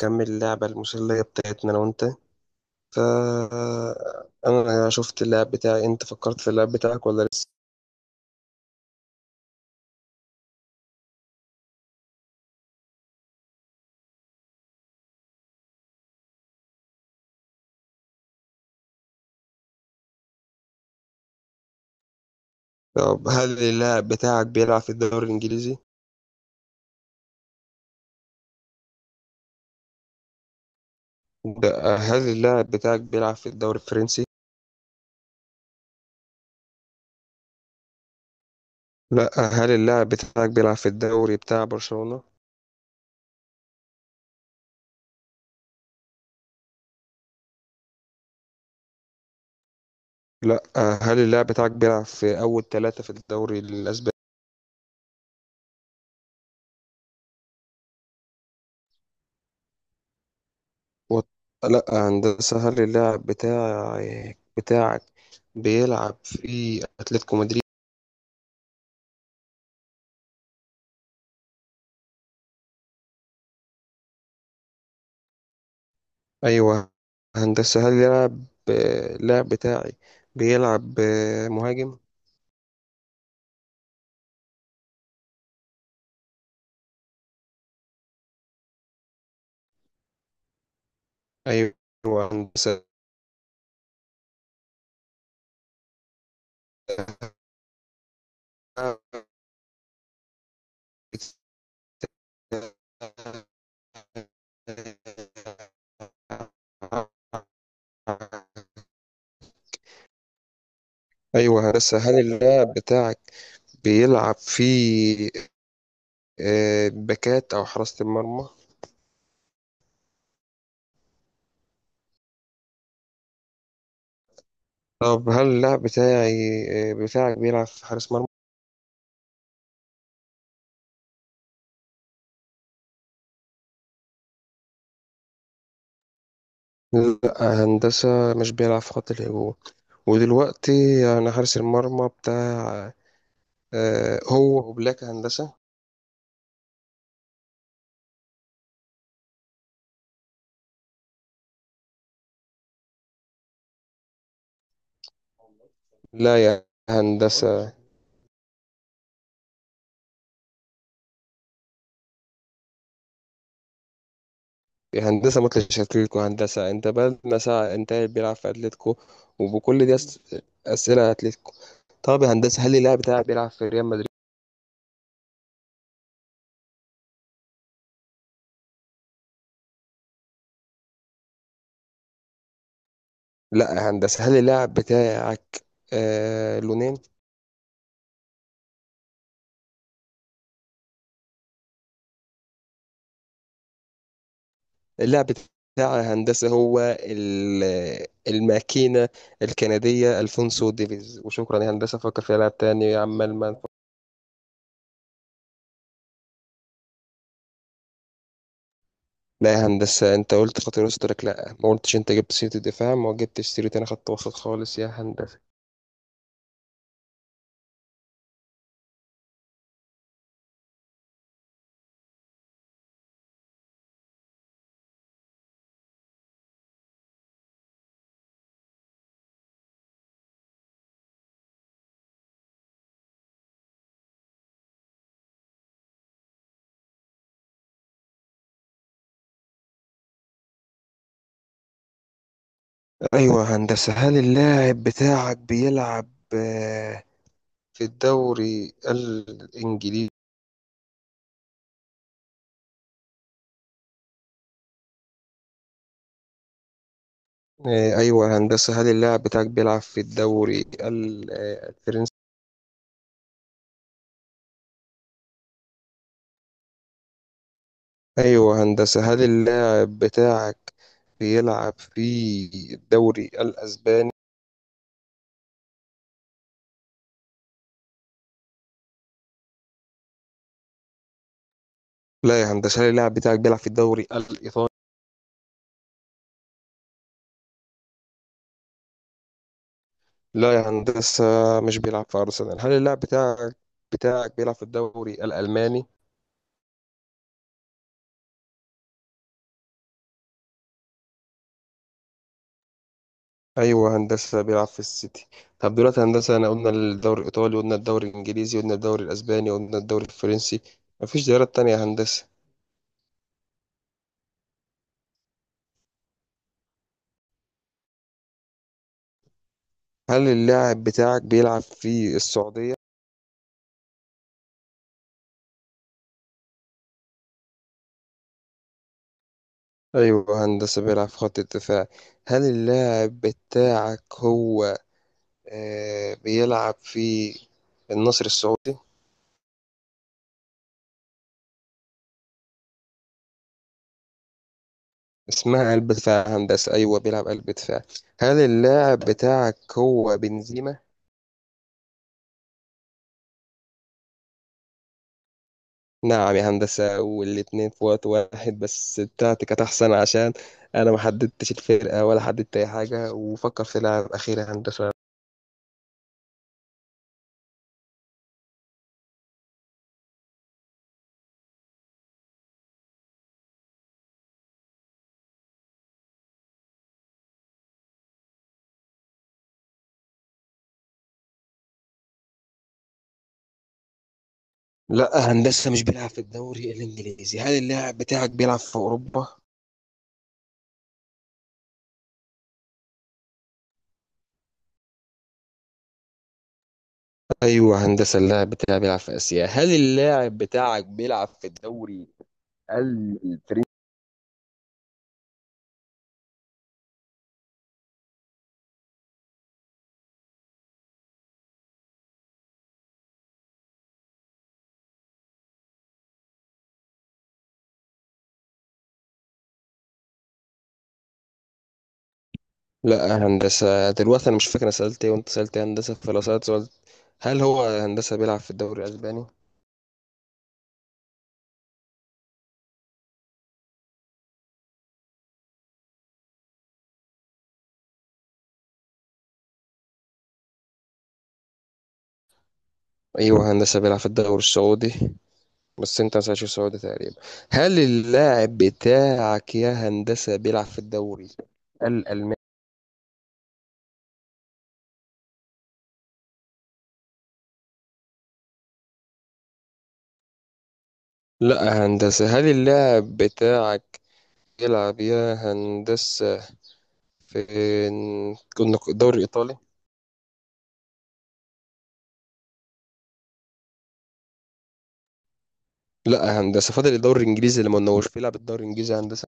كمل اللعبة المسلية بتاعتنا أنا وأنت. فأنا شفت اللعب بتاعي، أنت فكرت في اللعب بتاعك ولا لسه؟ طب هل اللاعب بتاعك بيلعب في الدوري الإنجليزي؟ لأ. هل اللاعب بتاعك بيلعب في الدوري الفرنسي؟ لأ. هل اللاعب بتاعك بيلعب في الدوري بتاع برشلونة؟ لأ. هل اللاعب بتاعك بيلعب في أول ثلاثة في الدوري الأسباني؟ و- لأ هندسة، هل اللاعب بتاعك بيلعب في أتلتيكو مدريد؟ ايوه هندسة. هل يلعب اللاعب بتاعي بيلعب مهاجم. ايوه هندسة. ايوه هندسة، هل اللاعب بتاعك بيلعب في باكات او حراسة المرمى؟ طب هل اللاعب بتاعي آه، بتاعك بيلعب في حارس مرمى؟ لا هندسة، مش بيلعب في خط الهجوم. ودلوقتي يعني حارس المرمى بتاع هو وبلاك هندسة. لا يا هندسة. يا هندسة ما تطلعش أتلتيكو. هندسة أنت بقالنا ساعة أنت قاعد بيلعب في أتلتيكو، وبكل أسئلة أتلتيكو. طب يا هندسة هل اللاعب بتاعك بيلعب في ريال مدريد؟ لا يا هندسة. هل اللاعب بتاعك لونين؟ اللاعب بتاع هندسة هو الماكينة الكندية ألفونسو ديفيز، وشكرا يا هندسة. فكر في لاعب تاني عمال ما لا يا هندسة. انت قلت خط الوسط، قلت لك لا، ما قلتش انت جبت سيرة الدفاع، ما جبتش سيرة، انا خط وسط خالص يا هندسة. ايوه يا هندسة، هل اللاعب بتاعك بيلعب آه، في الدوري الانجليزي؟ ايوه يا هندسة. هل اللاعب بتاعك بيلعب في الدوري الفرنسي؟ ايوه يا هندسة. هل اللاعب بتاعك بيلعب في الدوري الاسباني؟ لا يا هندسة. هل اللاعب بتاعك بيلعب في الدوري الايطالي؟ لا يا هندسة، مش بيلعب في أرسنال. هل اللاعب بتاعك بيلعب في الدوري الألماني؟ أيوة هندسة، بيلعب في السيتي. طب دلوقتي هندسة، أنا قلنا الدوري الإيطالي، قلنا الدوري الإنجليزي، قلنا الدوري الأسباني، قلنا الدوري الفرنسي. مفيش دوريات تانية يا هندسة. هل اللاعب بتاعك بيلعب في السعودية؟ أيوة هندسة، بيلعب في خط الدفاع. هل اللاعب بتاعك هو بيلعب في النصر السعودي؟ اسمها قلب دفاع يا هندسة، أيوة بيلعب قلب دفاع. هل اللاعب بتاعك هو بنزيما؟ نعم يا هندسة، والاتنين في وقت واحد، بس بتاعتي كانت أحسن عشان أنا ما حددتش الفرقة ولا حددت أي حاجة. وفكر في لاعب أخير يا هندسة. لا هندسة، مش بيلعب في الدوري الإنجليزي. هل اللاعب بتاعك بيلعب في أوروبا؟ أيوة هندسة، اللاعب بتاعي بيلعب في آسيا. هل اللاعب بتاعك بيلعب في الدوري ال- لا هندسة، دلوقتي أنا مش فاكر أنا سألت إيه وأنت سألت إيه يا هندسة. فلو سألت سؤال، هل هو هندسة بيلعب في الدوري الأسباني؟ أيوه هندسة، بيلعب في الدوري السعودي، بس أنت ما سألتش السعودي تقريبا. هل اللاعب بتاعك يا هندسة بيلعب في الدوري الألماني؟ لا هندسة. هل اللاعب بتاعك يلعب يا هندسة في كنا الدوري الإيطالي؟ لا هندسة، فاضل الدوري الإنجليزي اللي ما قلناهوش بيلعب الدوري الإنجليزي يا هندسة.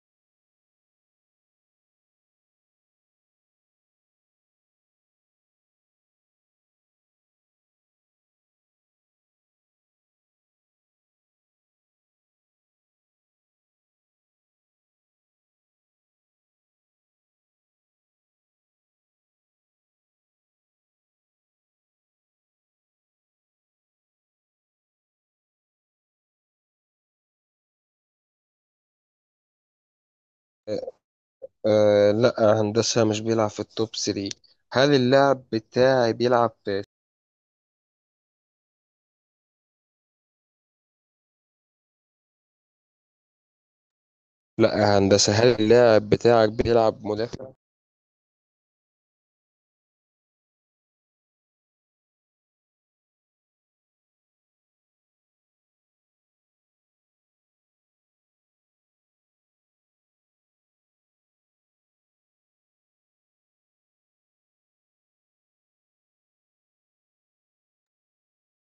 آه لا هندسة، مش بيلعب في التوب 3. هل اللاعب بتاعي بيلعب لا يا هندسة. هل اللاعب بتاعك بيلعب مدافع؟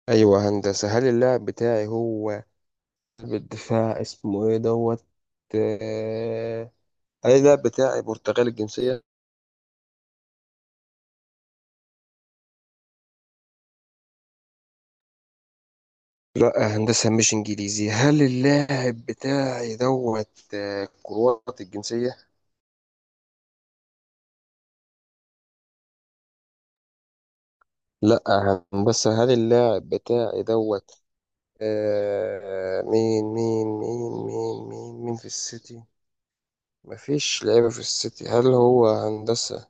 أيوة يا هندسة. هل اللاعب بتاعي هو بالدفاع اسمه إيه دوت آه، هل اللاعب بتاعي برتغالي الجنسية؟ لا يا هندسة، مش إنجليزي. هل اللاعب بتاعي دوت كرواتي الجنسية؟ لا يا هندسة. هل اللاعب بتاعي دوت مين في السيتي؟ مفيش لعيبة في السيتي. هل هو هندسة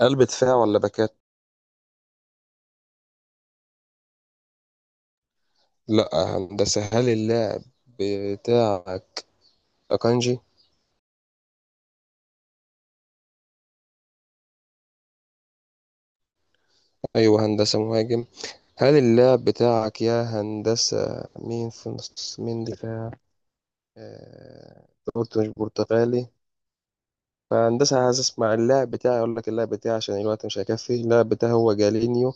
قلب دفاع ولا باك؟ لا هندسة. هل اللاعب بتاعك أكانجي؟ أيوه هندسة، مهاجم. هل اللاعب بتاعك يا هندسة مين في نص مين دفاع؟ أنت قلت مش برتغالي. فهندسة عايز أسمع اللاعب بتاعي، أقول لك اللاعب بتاعي عشان الوقت مش هيكفي. اللاعب بتاعي هو جالينيو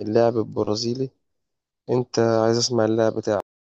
اللاعب البرازيلي. أنت عايز أسمع اللاعب بتاعك؟